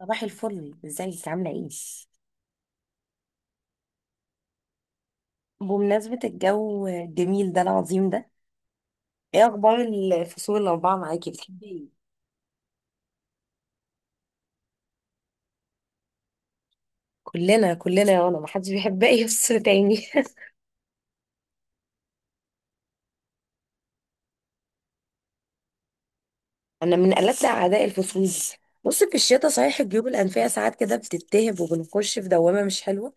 صباح الفل، ازيك؟ عاملة ايه؟ بمناسبة الجو الجميل ده العظيم ده، ايه اخبار الفصول الاربعة معاكي؟ بتحبي ايه؟ كلنا يا رنا، محدش بيحب اي فصل تاني. انا من قلبنا اعداء الفصول دي. بص، في الشتاء صحيح الجيوب الانفية ساعات كده بتتهب وبنخش في دوامة مش حلوة،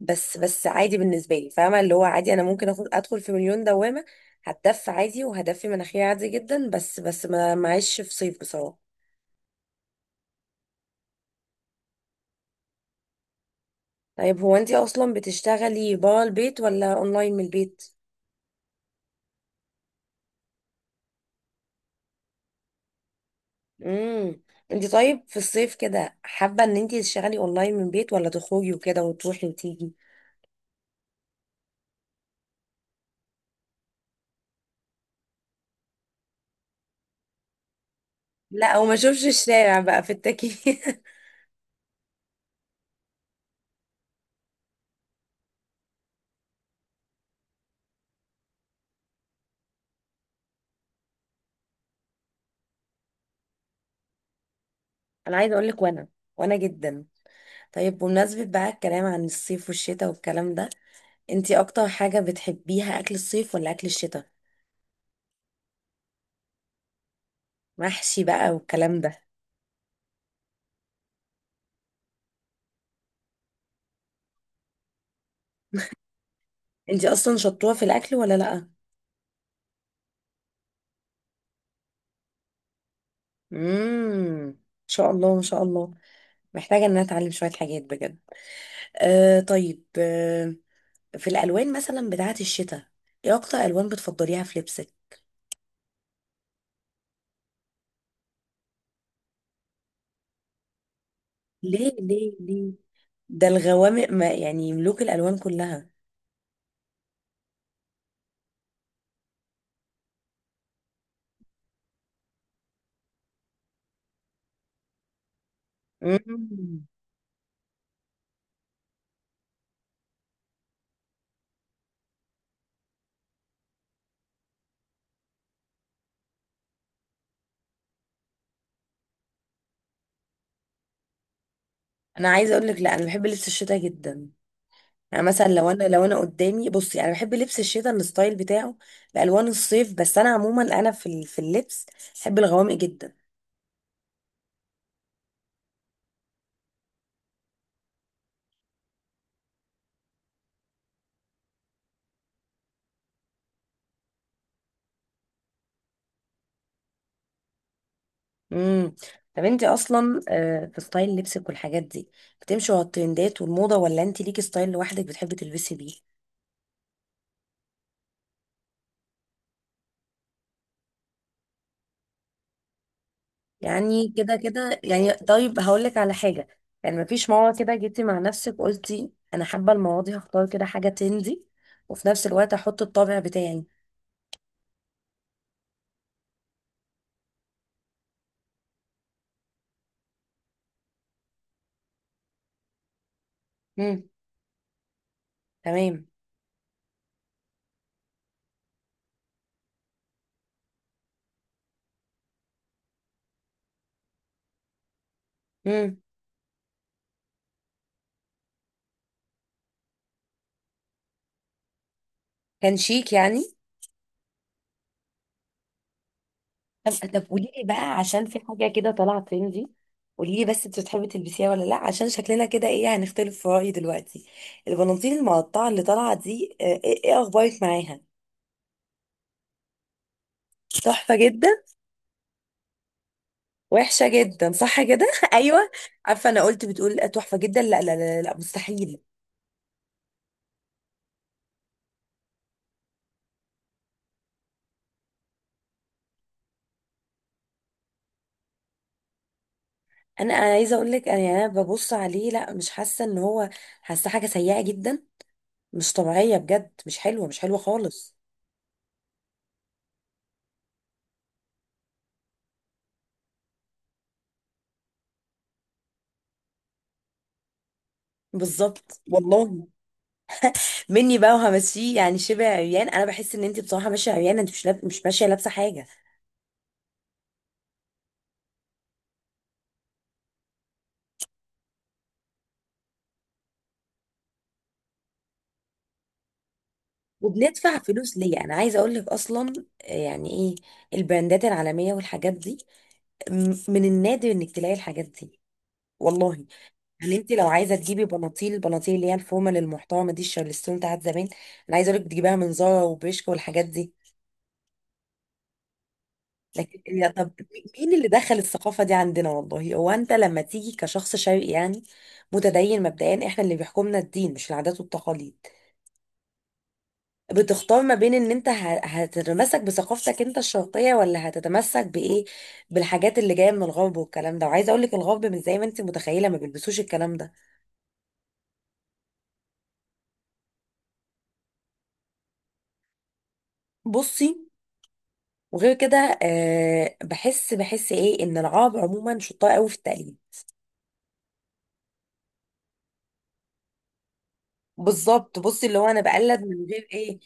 بس عادي بالنسبة لي، فاهمة؟ اللي هو عادي، انا ممكن اخد ادخل في مليون دوامة، هتدفي عادي وهدفي مناخيري عادي جدا، بس ما معيش في صيف بصراحة. طيب هو انت اصلا بتشتغلي برا البيت ولا اونلاين من البيت؟ امم انت طيب في الصيف كده حابه ان انت تشتغلي اونلاين من البيت ولا تخرجي وكده وتروحي وتيجي؟ لا، او ما اشوفش الشارع بقى في التكييف. انا عايزه اقول لك، وانا وانا جدا. طيب بمناسبه بقى الكلام عن الصيف والشتاء والكلام ده، انت اكتر حاجه بتحبيها اكل الصيف ولا اكل الشتاء؟ محشي بقى والكلام ده. انت اصلا شطوره في الاكل ولا لا؟ ان شاء الله، ان شاء الله. محتاجه ان انا اتعلم شويه حاجات بجد. آه طيب، آه، في الألوان مثلا بتاعة الشتاء، ايه أكتر ألوان بتفضليها في لبسك؟ ليه ليه ليه؟ ده الغوامق ما يعني ملوك الألوان كلها. مم. أنا عايزة أقول لك، لا، أنا بحب لبس الشتاء جدا. يعني مثلا لو أنا قدامي، بصي أنا بحب لبس الشتاء الستايل بتاعه بألوان الصيف، بس أنا عموما أنا في اللبس بحب الغوامق جدا. امم طب انت اصلا في ستايل لبسك والحاجات دي، بتمشي على الترندات والموضه ولا انت ليكي ستايل لوحدك بتحبي تلبسي بيه؟ يعني كده كده يعني. طيب هقول لك على حاجة، يعني مفيش موضوع كده جيتي مع نفسك قلتي أنا حابة المواضيع، هختار كده حاجة تندي وفي نفس الوقت أحط الطابع بتاعي؟ امم تمام. امم كان شيك يعني؟ طب قولي لي بقى، عشان في حاجة كده طالعة ترندي، قولي لي بس انت بتحبي تلبسيها ولا لا، عشان شكلنا كده ايه هنختلف في رأيي دلوقتي. البناطيل المقطعة اللي طالعة دي ايه، إيه أخبارك معاها؟ تحفة جدا. وحشة جدا صح كده؟ ايوه. عارفة انا قلت بتقول تحفة جدا؟ لا لا لا، لا مستحيل. أنا عايزة اقول لك، انا يعني انا ببص عليه، لا مش حاسة ان هو، حاسة حاجة سيئة جدا، مش طبيعية بجد، مش حلوة، مش حلوة خالص. بالظبط والله. مني بقى وهمشيه يعني شبه عريان، انا بحس ان انت بصراحة ماشية عريانة، انت مش ماشية لابسة حاجة. وبندفع فلوس ليه؟ انا عايزة اقول لك اصلا يعني ايه، البراندات العالمية والحاجات دي، من النادر انك تلاقي الحاجات دي، والله. يعني انت لو عايزه تجيبي بناطيل، اللي هي الفورمه للمحترمه دي، الشارلستون بتاعت زمان، انا عايزه اقول لك بتجيبها من زارا وبريشكا والحاجات دي. لكن يا طب، مين اللي دخل الثقافه دي عندنا والله؟ هو انت لما تيجي كشخص شرقي يعني، متدين مبدئيا، احنا اللي بيحكمنا الدين مش العادات والتقاليد، بتختار ما بين ان انت هتتمسك بثقافتك انت الشرقيه ولا هتتمسك بايه، بالحاجات اللي جايه من الغرب والكلام ده. وعايزه اقول لك الغرب مش زي ما انت متخيله، ما بيلبسوش الكلام ده. بصي، وغير كده آه، بحس، ايه، ان العرب عموما شطار قوي في التقليد. بالظبط. بصي اللي هو انا بقلد من غير ايه،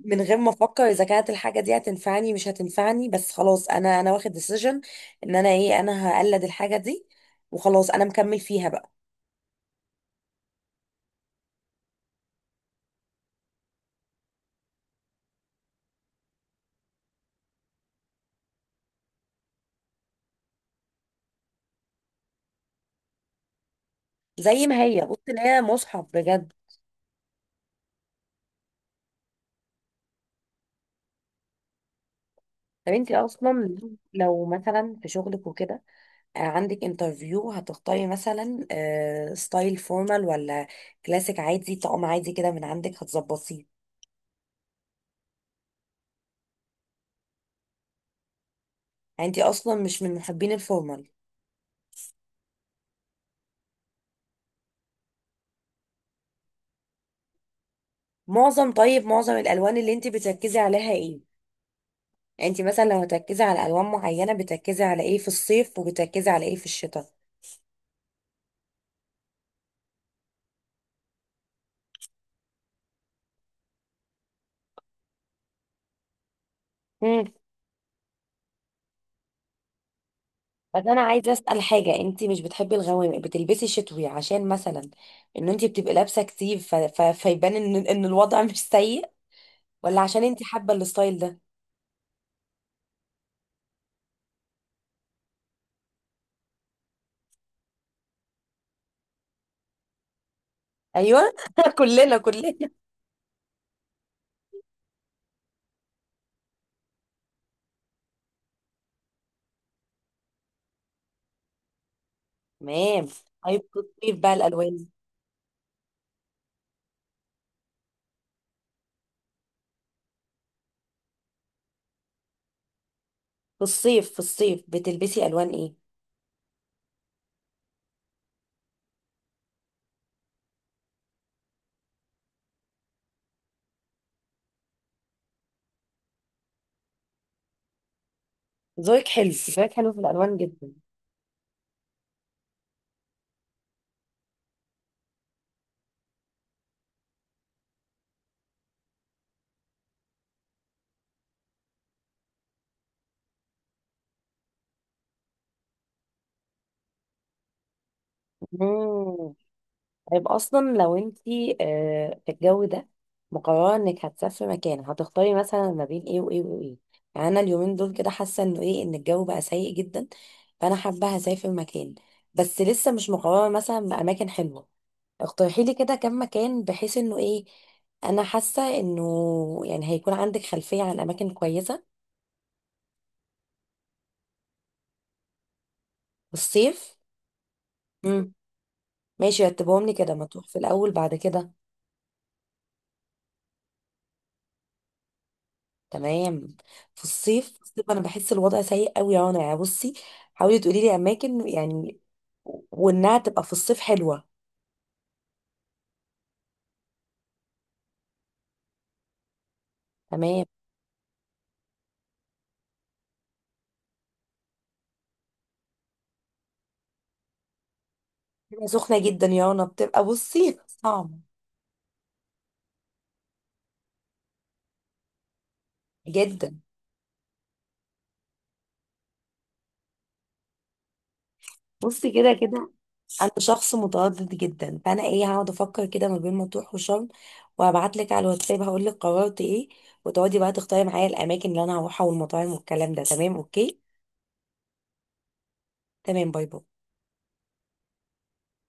من غير ما افكر اذا كانت الحاجه دي هتنفعني مش هتنفعني، بس خلاص انا واخد ديسيجن ان انا ايه، انا هقلد الحاجه دي وخلاص، انا مكمل فيها بقى زي ما هي، بصي اللي هي مصحف بجد. طب انت اصلا لو مثلا في شغلك وكده، عندك انترفيو، هتختاري مثلا ستايل فورمال ولا كلاسيك عادي، طقم عادي كده من عندك هتظبطيه؟ يعني انت اصلا مش من محبين الفورمال؟ معظم، طيب معظم الالوان اللي انت بتركزي عليها ايه؟ يعني انت مثلا لو هتركزي على الوان معينه، بتركزي على ايه في الصيف وبتركزي على ايه في الشتاء؟ امم بس انا عايزه اسال حاجه، انت مش بتحبي الغوامق، بتلبسي شتوي عشان مثلا ان انت بتبقي لابسه كتير فيبان ان الوضع مش سيء، ولا عشان انت حابه الستايل ده؟ ايوه. كلنا تمام. طيب في الصيف بقى الالوان، في الصيف، بتلبسي الوان ايه؟ ذوقك حلو، ذوقك حلو في الالوان جدا. مم. طيب اصلا لو انتي في الجو ده مقرره انك هتسافري مكان، هتختاري مثلا ما بين ايه وايه وايه؟ يعني انا اليومين دول كده حاسه انه ايه، ان الجو بقى سيء جدا، فانا حابه هسافر مكان، بس لسه مش مقرره. مثلا باماكن حلوه، اقترحي لي كده كم مكان، بحيث انه ايه، انا حاسه انه يعني هيكون عندك خلفيه عن اماكن كويسه. والصيف. امم ماشي، رتبهم لي كده، ما تروح في الاول بعد كده. تمام. في الصيف انا بحس الوضع سيء قوي يا رنا، يعني بصي حاولي تقولي لي اماكن يعني، وانها تبقى في الصيف حلوه. تمام. بتبقى سخنه جدا يا رنا، بتبقى بصي صعبه جدا. بصي كده كده، انا شخص متردد جدا، فانا ايه هقعد افكر كده ما بين مطروح وشرم، وهبعت لك على الواتساب هقول لك قررت ايه، وتقعدي بقى تختاري معايا الاماكن اللي انا هروحها والمطاعم والكلام ده. تمام، اوكي؟ تمام، باي باي.